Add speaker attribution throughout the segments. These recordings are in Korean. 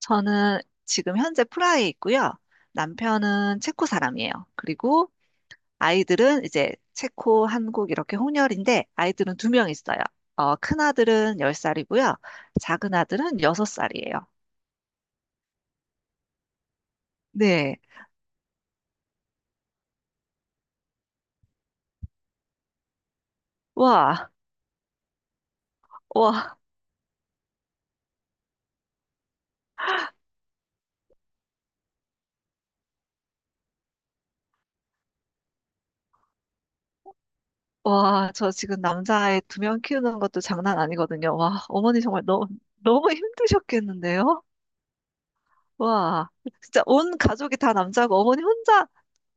Speaker 1: 저는 지금 현재 프라하에 있고요. 남편은 체코 사람이에요. 그리고 아이들은 이제 체코, 한국 이렇게 혼혈인데 아이들은 2명 있어요. 큰 아들은 열 살이고요. 작은 아들은 여섯 살이에요. 네. 와, 와, 와. 저 지금 남자아이 2명 키우는 것도 장난 아니거든요. 와, 어머니 정말 너무, 너무 힘드셨겠는데요? 와, 진짜 온 가족이 다 남자고 어머니 혼자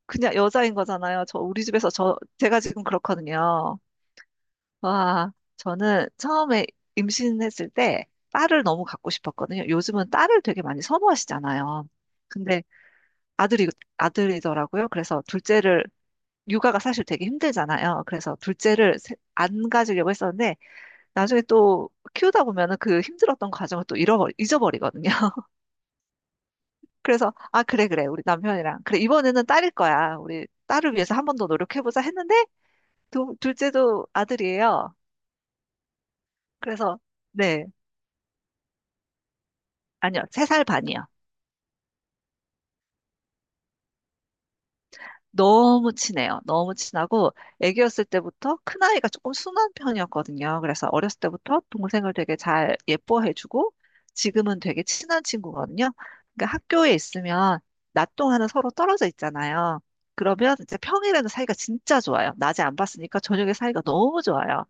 Speaker 1: 그냥 여자인 거잖아요. 저 우리 집에서 저 제가 지금 그렇거든요. 와, 저는 처음에 임신했을 때 딸을 너무 갖고 싶었거든요. 요즘은 딸을 되게 많이 선호하시잖아요. 근데 아들이 아들이더라고요. 그래서 둘째를, 육아가 사실 되게 힘들잖아요. 그래서 둘째를 안 가지려고 했었는데 나중에 또 키우다 보면은 그 힘들었던 과정을 또 잊어버리거든요. 그래서 아 그래 그래 우리 남편이랑 그래 이번에는 딸일 거야. 우리 딸을 위해서 1번 더 노력해보자 했는데 둘째도 아들이에요. 그래서, 네, 아니요, 세 살 반이요. 너무 친해요. 너무 친하고, 애기였을 때부터 큰아이가 조금 순한 편이었거든요. 그래서 어렸을 때부터 동생을 되게 잘 예뻐해주고, 지금은 되게 친한 친구거든요. 그러니까 학교에 있으면 낮 동안은 서로 떨어져 있잖아요. 그러면 이제 평일에는 사이가 진짜 좋아요. 낮에 안 봤으니까 저녁에 사이가 너무 좋아요.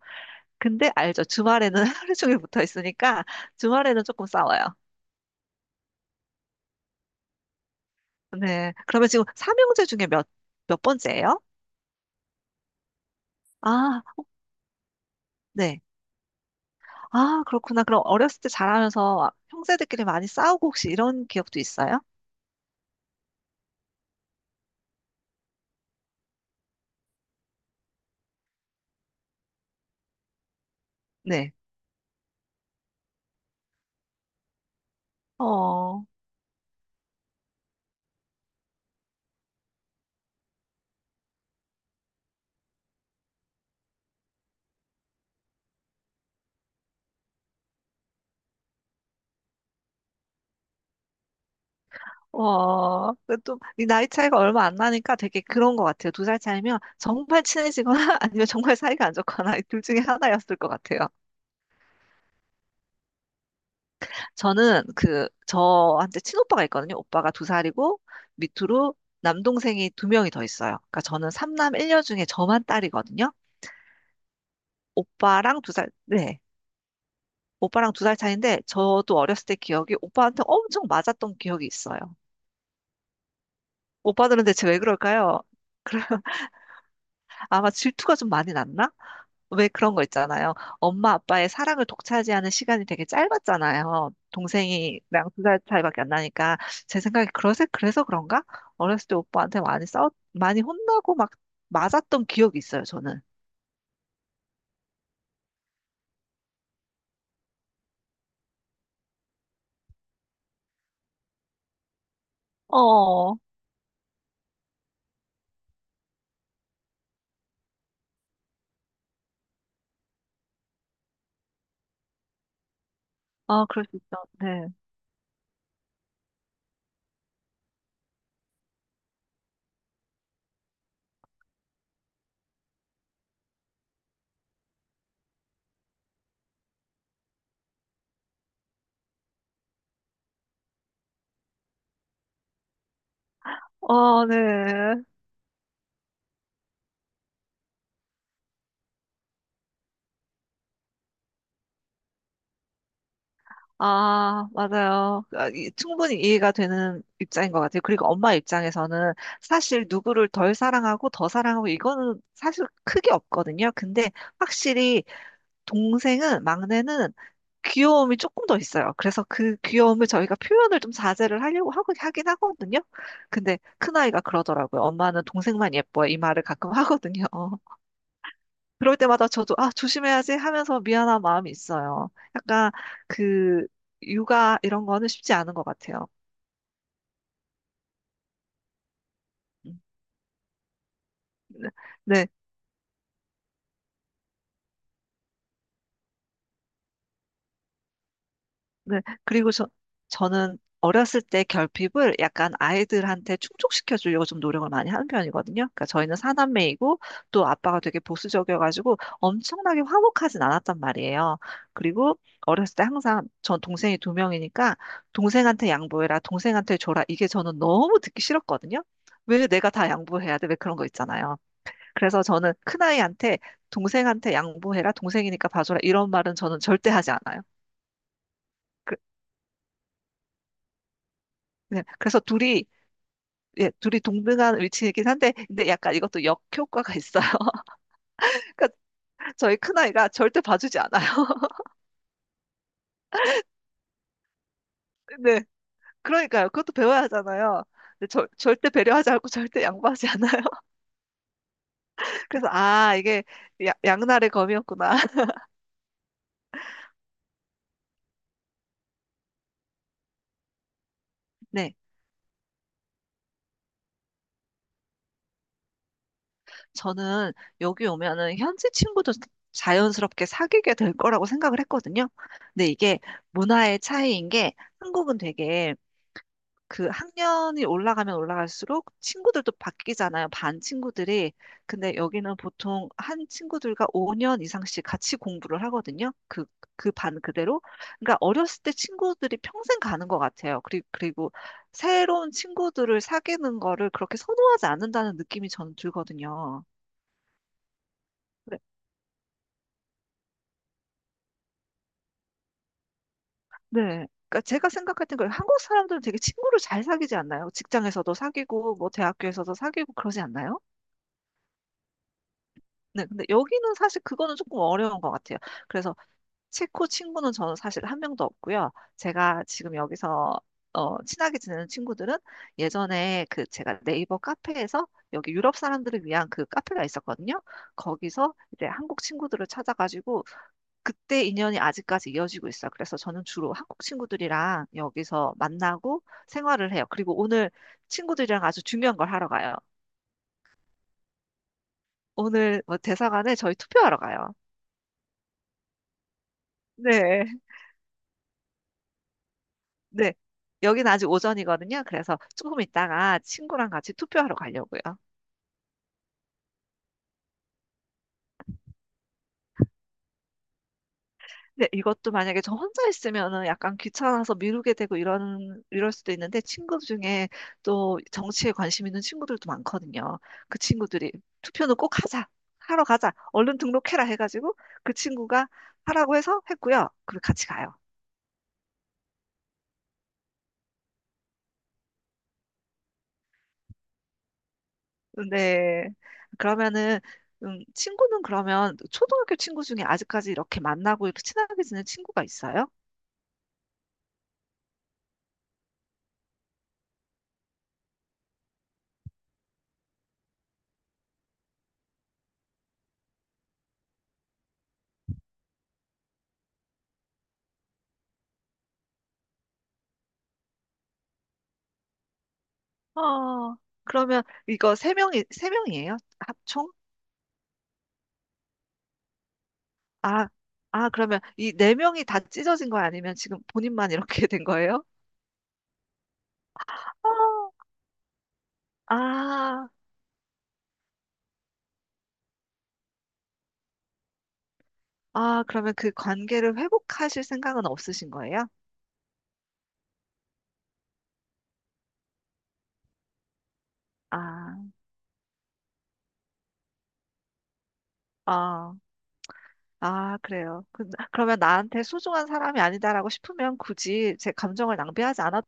Speaker 1: 근데 알죠. 주말에는 하루 종일 붙어 있으니까 주말에는 조금 싸워요. 네. 그러면 지금 삼형제 중에 몇 번째예요? 아, 네. 아, 그렇구나. 그럼 어렸을 때 자라면서 형제들끼리 많이 싸우고 혹시 이런 기억도 있어요? 네. 어, 어, 또, 이 나이 차이가 얼마 안 나니까 되게 그런 것 같아요. 두 살 차이면 정말 친해지거나 아니면 정말 사이가 안 좋거나 이둘 중에 하나였을 것 같아요. 저는 저한테 친오빠가 있거든요. 오빠가 두 살이고 밑으로 남동생이 두 명이 더 있어요. 그러니까 저는 삼남 일녀 중에 저만 딸이거든요. 오빠랑 2살, 네. 오빠랑 두 살 차이인데, 저도 어렸을 때 기억이 오빠한테 엄청 맞았던 기억이 있어요. 오빠들은 대체 왜 그럴까요? 그래, 아마 질투가 좀 많이 났나? 왜 그런 거 있잖아요. 엄마 아빠의 사랑을 독차지하는 시간이 되게 짧았잖아요. 동생이랑 두 살 차이밖에 안 나니까. 제 생각에 그래서 그런가? 어렸을 때 오빠한테 많이 많이 혼나고 막 맞았던 기억이 있어요, 저는. 어, 아, 그럴 수 있죠. 네. 어, 네. 아, 맞아요. 아, 충분히 이해가 되는 입장인 것 같아요. 그리고 엄마 입장에서는 사실 누구를 덜 사랑하고 더 사랑하고 이거는 사실 크게 없거든요. 근데 확실히 동생은, 막내는 귀여움이 조금 더 있어요. 그래서 그 귀여움을 저희가 표현을 좀 자제를 하려고 하고, 하긴 하거든요. 근데 큰아이가 그러더라고요. 엄마는 동생만 예뻐. 이 말을 가끔 하거든요. 어. 그럴 때마다 저도 아 조심해야지 하면서 미안한 마음이 있어요. 약간 그 육아 이런 거는 쉽지 않은 것 같아요. 음. 네, 네. 네. 그리고 저는 어렸을 때 결핍을 약간 아이들한테 충족시켜 주려고 좀 노력을 많이 하는 편이거든요. 그러니까 저희는 사남매이고 또 아빠가 되게 보수적이어가지고 엄청나게 화목하진 않았단 말이에요. 그리고 어렸을 때 항상 전 동생이 두 명이니까 동생한테 양보해라, 동생한테 줘라. 이게 저는 너무 듣기 싫었거든요. 왜 내가 다 양보해야 돼? 왜 그런 거 있잖아요. 그래서 저는 큰아이한테 동생한테 양보해라, 동생이니까 봐줘라. 이런 말은 저는 절대 하지 않아요. 그- 네, 그래서 둘이 예, 둘이 동등한 위치이긴 한데, 근데 약간 이것도 역효과가 있어요. 그러니까 저희 큰아이가 절대 봐주지 않아요. 네, 그러니까요. 그것도 배워야 하잖아요. 근데 절대 배려하지 않고 절대 양보하지 않아요. 그래서, 아, 이게 양날의 검이었구나. 네, 저는 여기 오면은 현지 친구도 자연스럽게 사귀게 될 거라고 생각을 했거든요. 근데 이게 문화의 차이인 게 한국은 되게 그 학년이 올라가면 올라갈수록 친구들도 바뀌잖아요. 반 친구들이. 근데 여기는 보통 한 친구들과 5년 이상씩 같이 공부를 하거든요. 그, 반 그대로. 그러니까 어렸을 때 친구들이 평생 가는 것 같아요. 그리고 새로운 친구들을 사귀는 거를 그렇게 선호하지 않는다는 느낌이 저는 들거든요. 그래- 네. 네. 그러니까 제가 생각할 땐 그래요. 한국 사람들은 되게 친구를 잘 사귀지 않나요? 직장에서도 사귀고, 뭐 대학교에서도 사귀고 그러지 않나요? 네, 근데 여기는 사실 그거는 조금 어려운 것 같아요. 그래서 체코 친구는 저는 사실 한 명도 없고요. 제가 지금 여기서 친하게 지내는 친구들은 예전에 그 제가 네이버 카페에서 여기 유럽 사람들을 위한 그 카페가 있었거든요. 거기서 이제 한국 친구들을 찾아가지고 그때 인연이 아직까지 이어지고 있어요. 그래서 저는 주로 한국 친구들이랑 여기서 만나고 생활을 해요. 그리고 오늘 친구들이랑 아주 중요한 걸 하러 가요. 오늘 뭐 대사관에 저희 투표하러 가요. 네. 네. 여기는 아직 오전이거든요. 그래서 조금 있다가 친구랑 같이 투표하러 가려고요. 근데 이것도 만약에 저 혼자 있으면은 약간 귀찮아서 미루게 되고 이럴 수도 있는데 친구 중에 또 정치에 관심 있는 친구들도 많거든요. 그 친구들이 투표는 꼭 하자. 하러 가자. 얼른 등록해라 해가지고 그 친구가 하라고 해서 했고요. 그리고 같이 가요. 네. 그러면은, 친구는 그러면 초등학교 친구 중에 아직까지 이렇게 만나고 이렇게 친하게 지낸 친구가 있어요? 어, 그러면 이거 세 명이에요? 합총? 아, 아, 그러면 이 4명이 다 찢어진 거 아니면 지금 본인만 이렇게 된 거예요? 어, 아, 아, 그러면 그 관계를 회복하실 생각은 없으신 거예요? 아, 아, 아, 그래요. 그러면 나한테 소중한 사람이 아니다라고 싶으면 굳이 제 감정을 낭비하지 않아도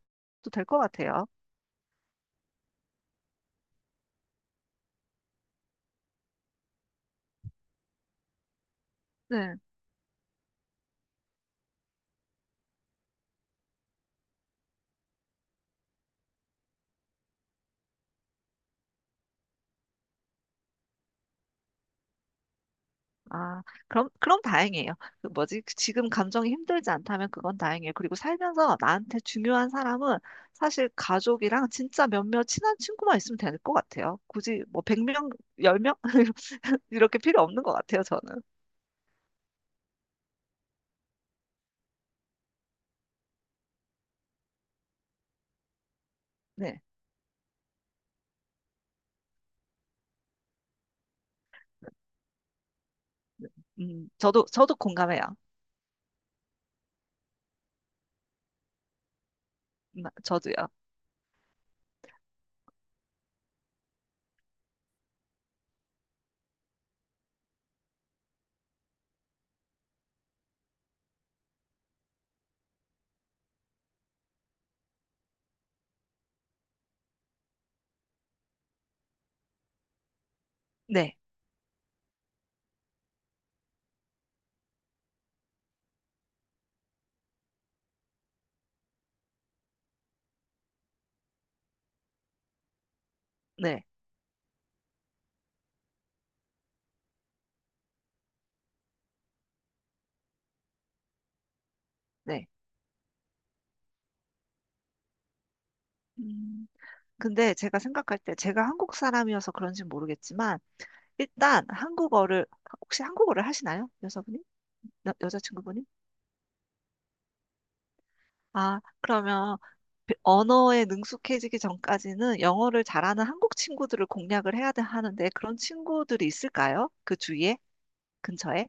Speaker 1: 될 것 같아요. 네. 아, 그럼 다행이에요. 그 뭐지? 그 지금 감정이 힘들지 않다면 그건 다행이에요. 그리고 살면서 나한테 중요한 사람은 사실 가족이랑 진짜 몇몇 친한 친구만 있으면 될 것 같아요. 굳이 뭐 100명, 10명? 이렇게 필요 없는 것 같아요, 저는. 네. 저도 공감해요. 저도요. 네, 네, 네. 음, 근데 제가 생각할 때 제가 한국 사람이어서 그런지 는 모르겠지만 일단 한국어를, 혹시 한국어를 하시나요? 여자분이? 자친구분이 아, 그러면 언어에 능숙해지기 전까지는 영어를 잘하는 한국 친구들을 공략을 해야 돼, 하는데 그런 친구들이 있을까요? 그 주위에? 근처에?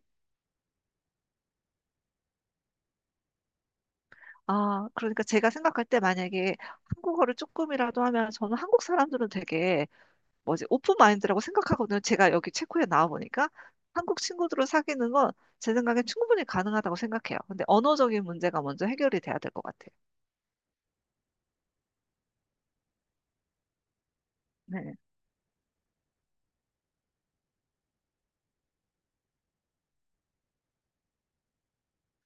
Speaker 1: 아, 그러니까 제가 생각할 때 만약에 한국어를 조금이라도 하면 저는 한국 사람들은 되게 뭐지 오픈 마인드라고 생각하거든요. 제가 여기 체코에 나와 보니까 한국 친구들을 사귀는 건 제 생각엔 충분히 가능하다고 생각해요. 근데 언어적인 문제가 먼저 해결이 돼야 될 것 같아요. 네.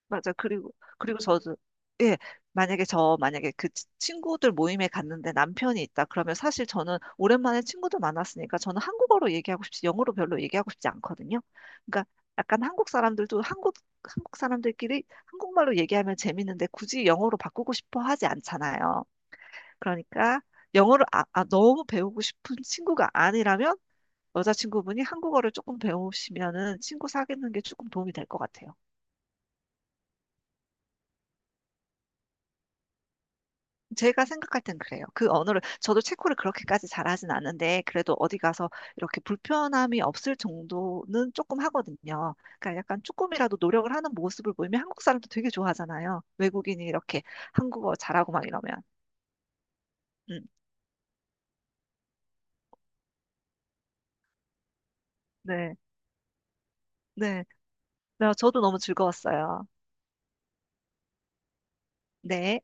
Speaker 1: 맞아. 그리고 저도, 예, 만약에 만약에 그 친구들 모임에 갔는데 남편이 있다. 그러면 사실 저는 오랜만에 친구들 만났으니까 저는 한국어로 얘기하고 싶지, 영어로 별로 얘기하고 싶지 않거든요. 그러니까 약간 한국 사람들도 한국 사람들끼리 한국말로 얘기하면 재밌는데 굳이 영어로 바꾸고 싶어 하지 않잖아요. 그러니까 영어를 아, 아, 너무 배우고 싶은 친구가 아니라면 여자친구분이 한국어를 조금 배우시면은 친구 사귀는 게 조금 도움이 될 것 같아요. 제가 생각할 땐 그래요. 그 언어를, 저도 체코를 그렇게까지 잘하진 않는데, 그래도 어디 가서 이렇게 불편함이 없을 정도는 조금 하거든요. 그러니까 약간 조금이라도 노력을 하는 모습을 보이면 한국 사람도 되게 좋아하잖아요. 외국인이 이렇게 한국어 잘하고 막 이러면. 음, 네, 네. 네, 저도 너무 즐거웠어요. 네.